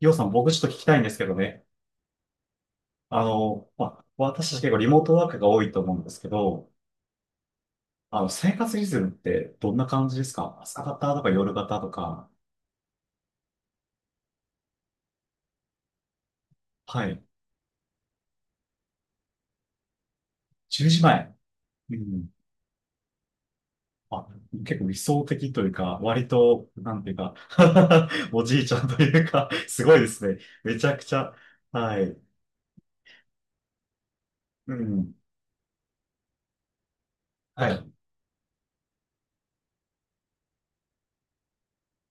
りょうさん、僕ちょっと聞きたいんですけどね。私たち結構リモートワークが多いと思うんですけど、生活リズムってどんな感じですか？朝方とか夜方とか、はい、10時前。うん。あ、結構理想的というか、割と、なんていうか おじいちゃんというかすごいですね。めちゃくちゃ。はい。うん。はい。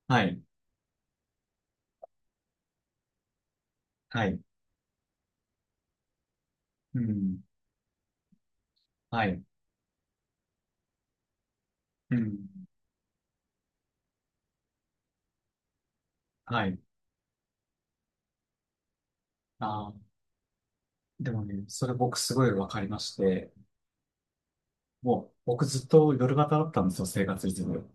はい。はい。うん。はい。うん。はい。あー、でもね、それ僕すごいわかりまして、もう、僕ずっと夜型だったんですよ、生活リズム。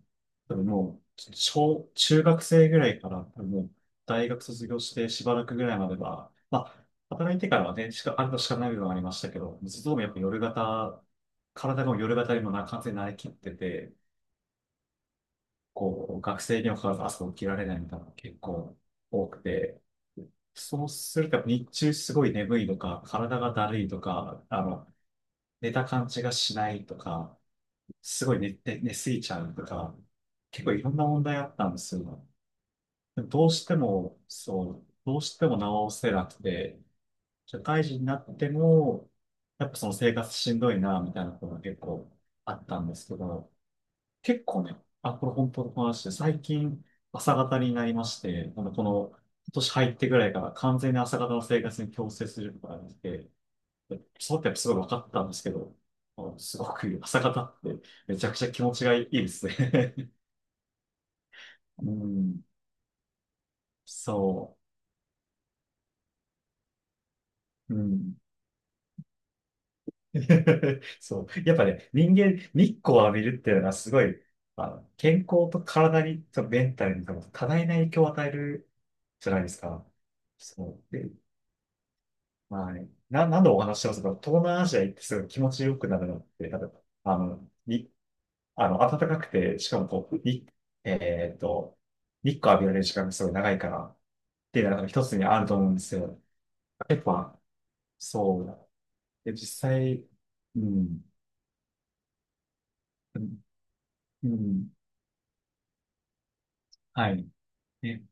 多分もう、小、中学生ぐらいから、多分もう、大学卒業してしばらくぐらいまでは、まあ、働いてからはね、しか、あるとしかない部分はありましたけど、ずっともやっぱ夜型、体がもう夜型にもな、完全に慣れきってて、こう、学生にもかかわらず朝起きられないみたいなのが結構多くて、そうするとやっぱ日中すごい眠いとか、体がだるいとか、寝た感じがしないとか、すごい寝て、寝すぎちゃうとか、結構いろんな問題あったんですよ。でもどうしても、そう、どうしても直せなくて、社会人になっても、やっぱその生活しんどいな、みたいなことが結構あったんですけど、結構ね、あ、これ本当の話で、最近朝方になりまして、あの、この今年入ってぐらいから完全に朝方の生活に強制することができて、そうってすごい分かったんですけど、あのすごく朝方ってめちゃくちゃ気持ちがいいですね。うん、そう。うん。そう。やっぱね、人間、日光を浴びるっていうのはすごい、健康と体に、とメンタルに多分多大な影響を与えるじゃないですか。そう。で、はい。な、なんお話ししてますか？東南アジア行ってすごい気持ちよくなるのって、多分、あの、に、あの、暖かくて、しかもこう、に、えっと、日光浴びられる時間がすごい長いから、っていうのが一つにあると思うんですよ。やっぱ、そうだ。で、実際、うん、うん、うん、はい。ね、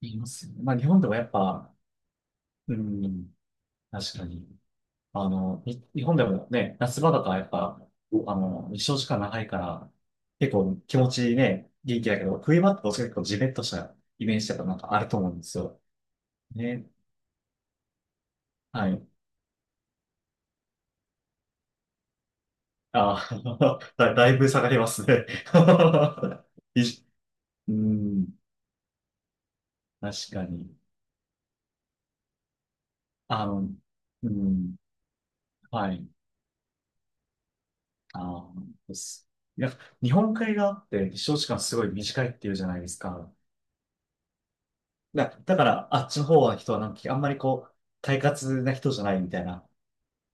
言いますよね。まあ、日本でもやっぱ、うん、確かに。あの、い日本でもね、夏場とかやっぱ、日照時間長いから、結構気持ちいいね、元気だけど、冬場ってどそちかと結構ジメッとしたイメージとかなんかあると思うんですよ。ね。はい。ああ、 だ、だいぶ下がりますね。いじうん、確かに。あの、うん、はい。ああです。いや、日本海側って日照時間すごい短いっていうじゃないですか。だ、だから、あっちの方は人はなんか、あんまりこう、快活な人じゃないみたいな、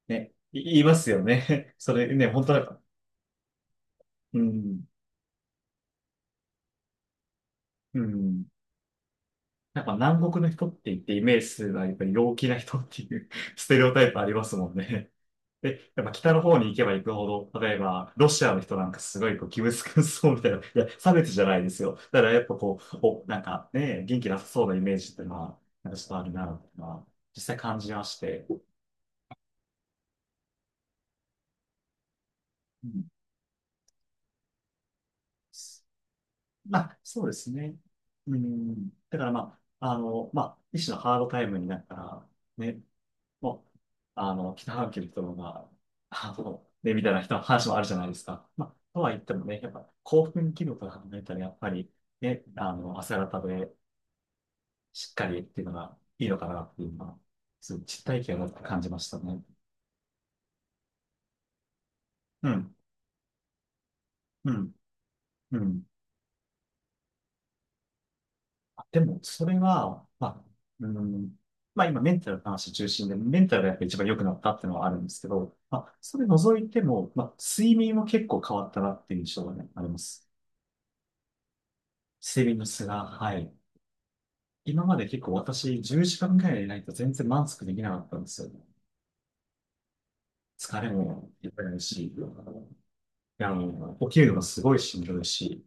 ね、い言いますよね。それね、本当なんか、うん、うん。なんか南国の人って言ってイメージするのはやっぱり陽気な人っていう ステレオタイプありますもんね。で、やっぱ北の方に行けば行くほど、例えばロシアの人なんかすごいこう気難しそうみたいな、いや、差別じゃないですよ。だからやっぱこう、お、なんかね、元気なさそうなイメージっていうのは、なんかちょっとあるな、っていうのは実際感じまして。うん、まあ、そうですね。うん。だからまあ、一種のハードタイムになったら、ね、もう、北半球の人が、あの、ね、みたいな人の話もあるじゃないですか。まあ、とは言ってもね、やっぱ興奮気分から考えたら、やっぱりね、ね、朝方でしっかりっていうのがいいのかなっていうのは、そういう実体験を持って感じましたね。うん、うん、うん。あ、でも、それは、まあ、うん、まあ今メンタルの話中心で、メンタルがやっぱ一番良くなったっていうのはあるんですけど、まあ、それ除いても、まあ、睡眠も結構変わったなっていう印象がね、あります。睡眠の質が、はい。今まで結構私、10時間ぐらいでないと全然満足できなかったんですよ。疲れもいっぱいあるし、起きるのがすごいしんどいし、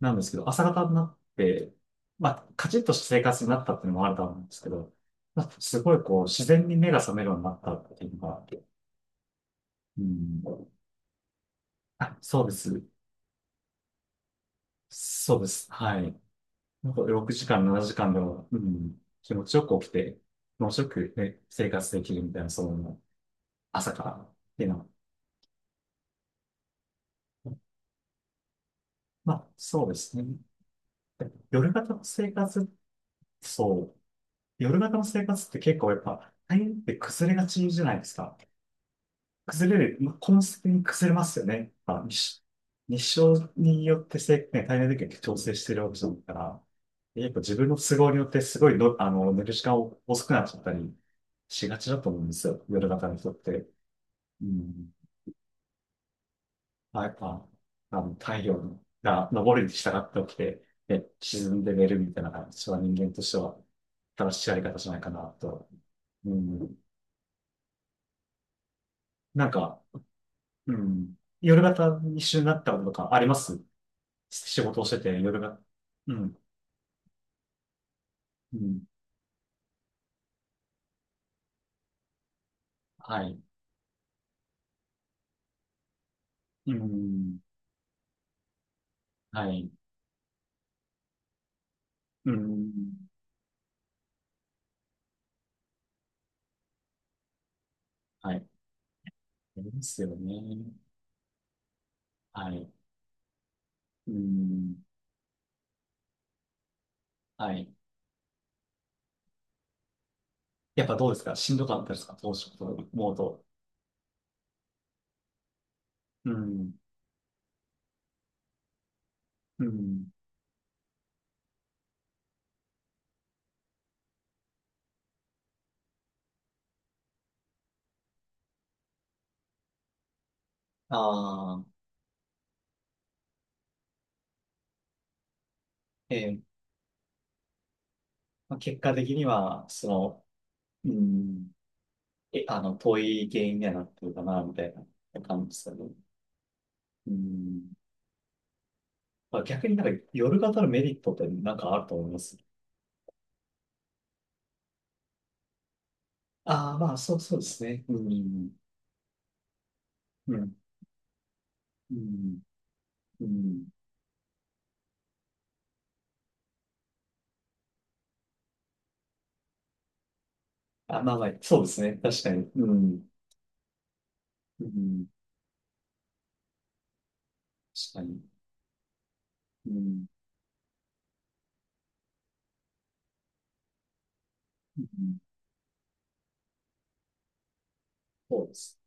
なんですけど、朝方になって、まあ、カチッとした生活になったっていうのもあると思うんですけど、まあ、すごいこう、自然に目が覚めるようになったっていうのが、うん、あ、そうです。そうです。はい。なんか6時間、7時間でも、うん、気持ちよく起きて、気持ちよくね、生活できるみたいな、その、朝からっていうのは、まあ、そうですね。夜型の生活、そう。夜型の生活って結構やっぱ、大変って崩れがちじゃないですか。崩れる、まあ、コンスペに崩れますよね。まあ、日照によってせ、ね、体内時計調整してるわけじゃないから、やっぱ自分の都合によってすごいの、寝る時間を遅くなっちゃったりしがちだと思うんですよ。夜型の人って。うん。まあ、やっぱ、太陽が昇るに従って起きて、ね、沈んで寝るみたいなのが一番人間としては正しいやり方じゃないかなと。うん。なんか、うん。夜型に一緒になったこととかあります？仕事をしてて、夜が、うん、うん、はい、うん、はい、うん、はい。ですよね。はい、うん、はい。やっぱどうですかしんどかったですか当初と思うと。うん、うん。ああ、ええ、まあ、結果的には、その、うん、え、遠い原因にはなってるかな、みたいな感じですよね。うん。まあ、逆になんか夜型のメリットってなんかあると思います。ああ、まあ、そう、そうですね。うん。うん、うん、うん。あ、まあまあ、そうですね。確かに。うん、うん、確かに。うん、うん、そうです。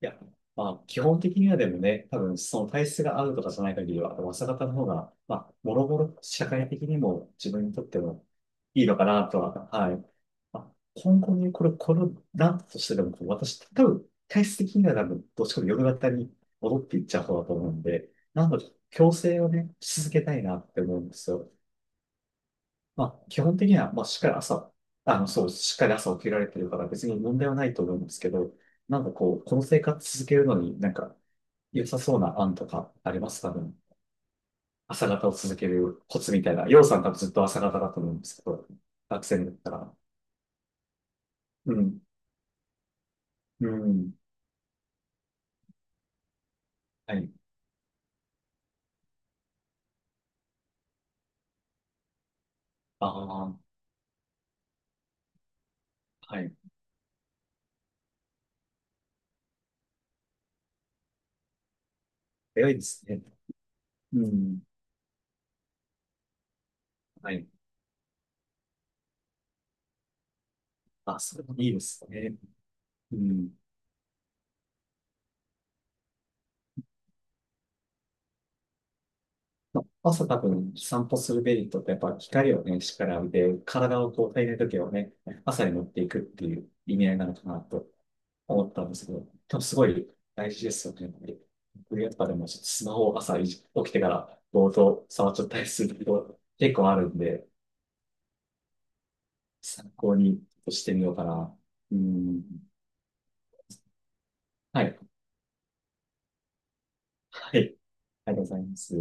いや、まあ、基本的にはでもね、多分、その体質が合うとかじゃない限りは、朝方の方が、まあ、もろもろ社会的にも自分にとってもいいのかなとは、はい。まあ、今後ね、これ、このランプとしてでも、こう私、多分、体質的には多分、どっちかというと夜型に戻っていっちゃう方だと思うんで、なので、強制をね、し続けたいなって思うんですよ。まあ、基本的には、まあ、しっかり朝、そう、しっかり朝起きられてるから別に問題はないと思うんですけど、なんかこう、この生活続けるのになんか良さそうな案とかありますかね。朝方を続けるコツみたいな。ようさん多分ずっと朝方だと思うんですけど、学生だったら。うん。うん。はい。ああ、はい。早いですね。うん。はい。あ、それもいいですね。うん。朝多分散歩するメリットってやっぱ光をね、しっかり浴びて、体をこう体内時計をね、朝に持っていくっていう意味合いなのかなと思ったんですけど、多分すごい大事ですよね。やっぱり僕やっぱでもちょっとスマホを朝起きてからぼーっと触っちゃったりすること結構あるんで、参考にしてみようかな。うん。はい。はい。ありがとうございます。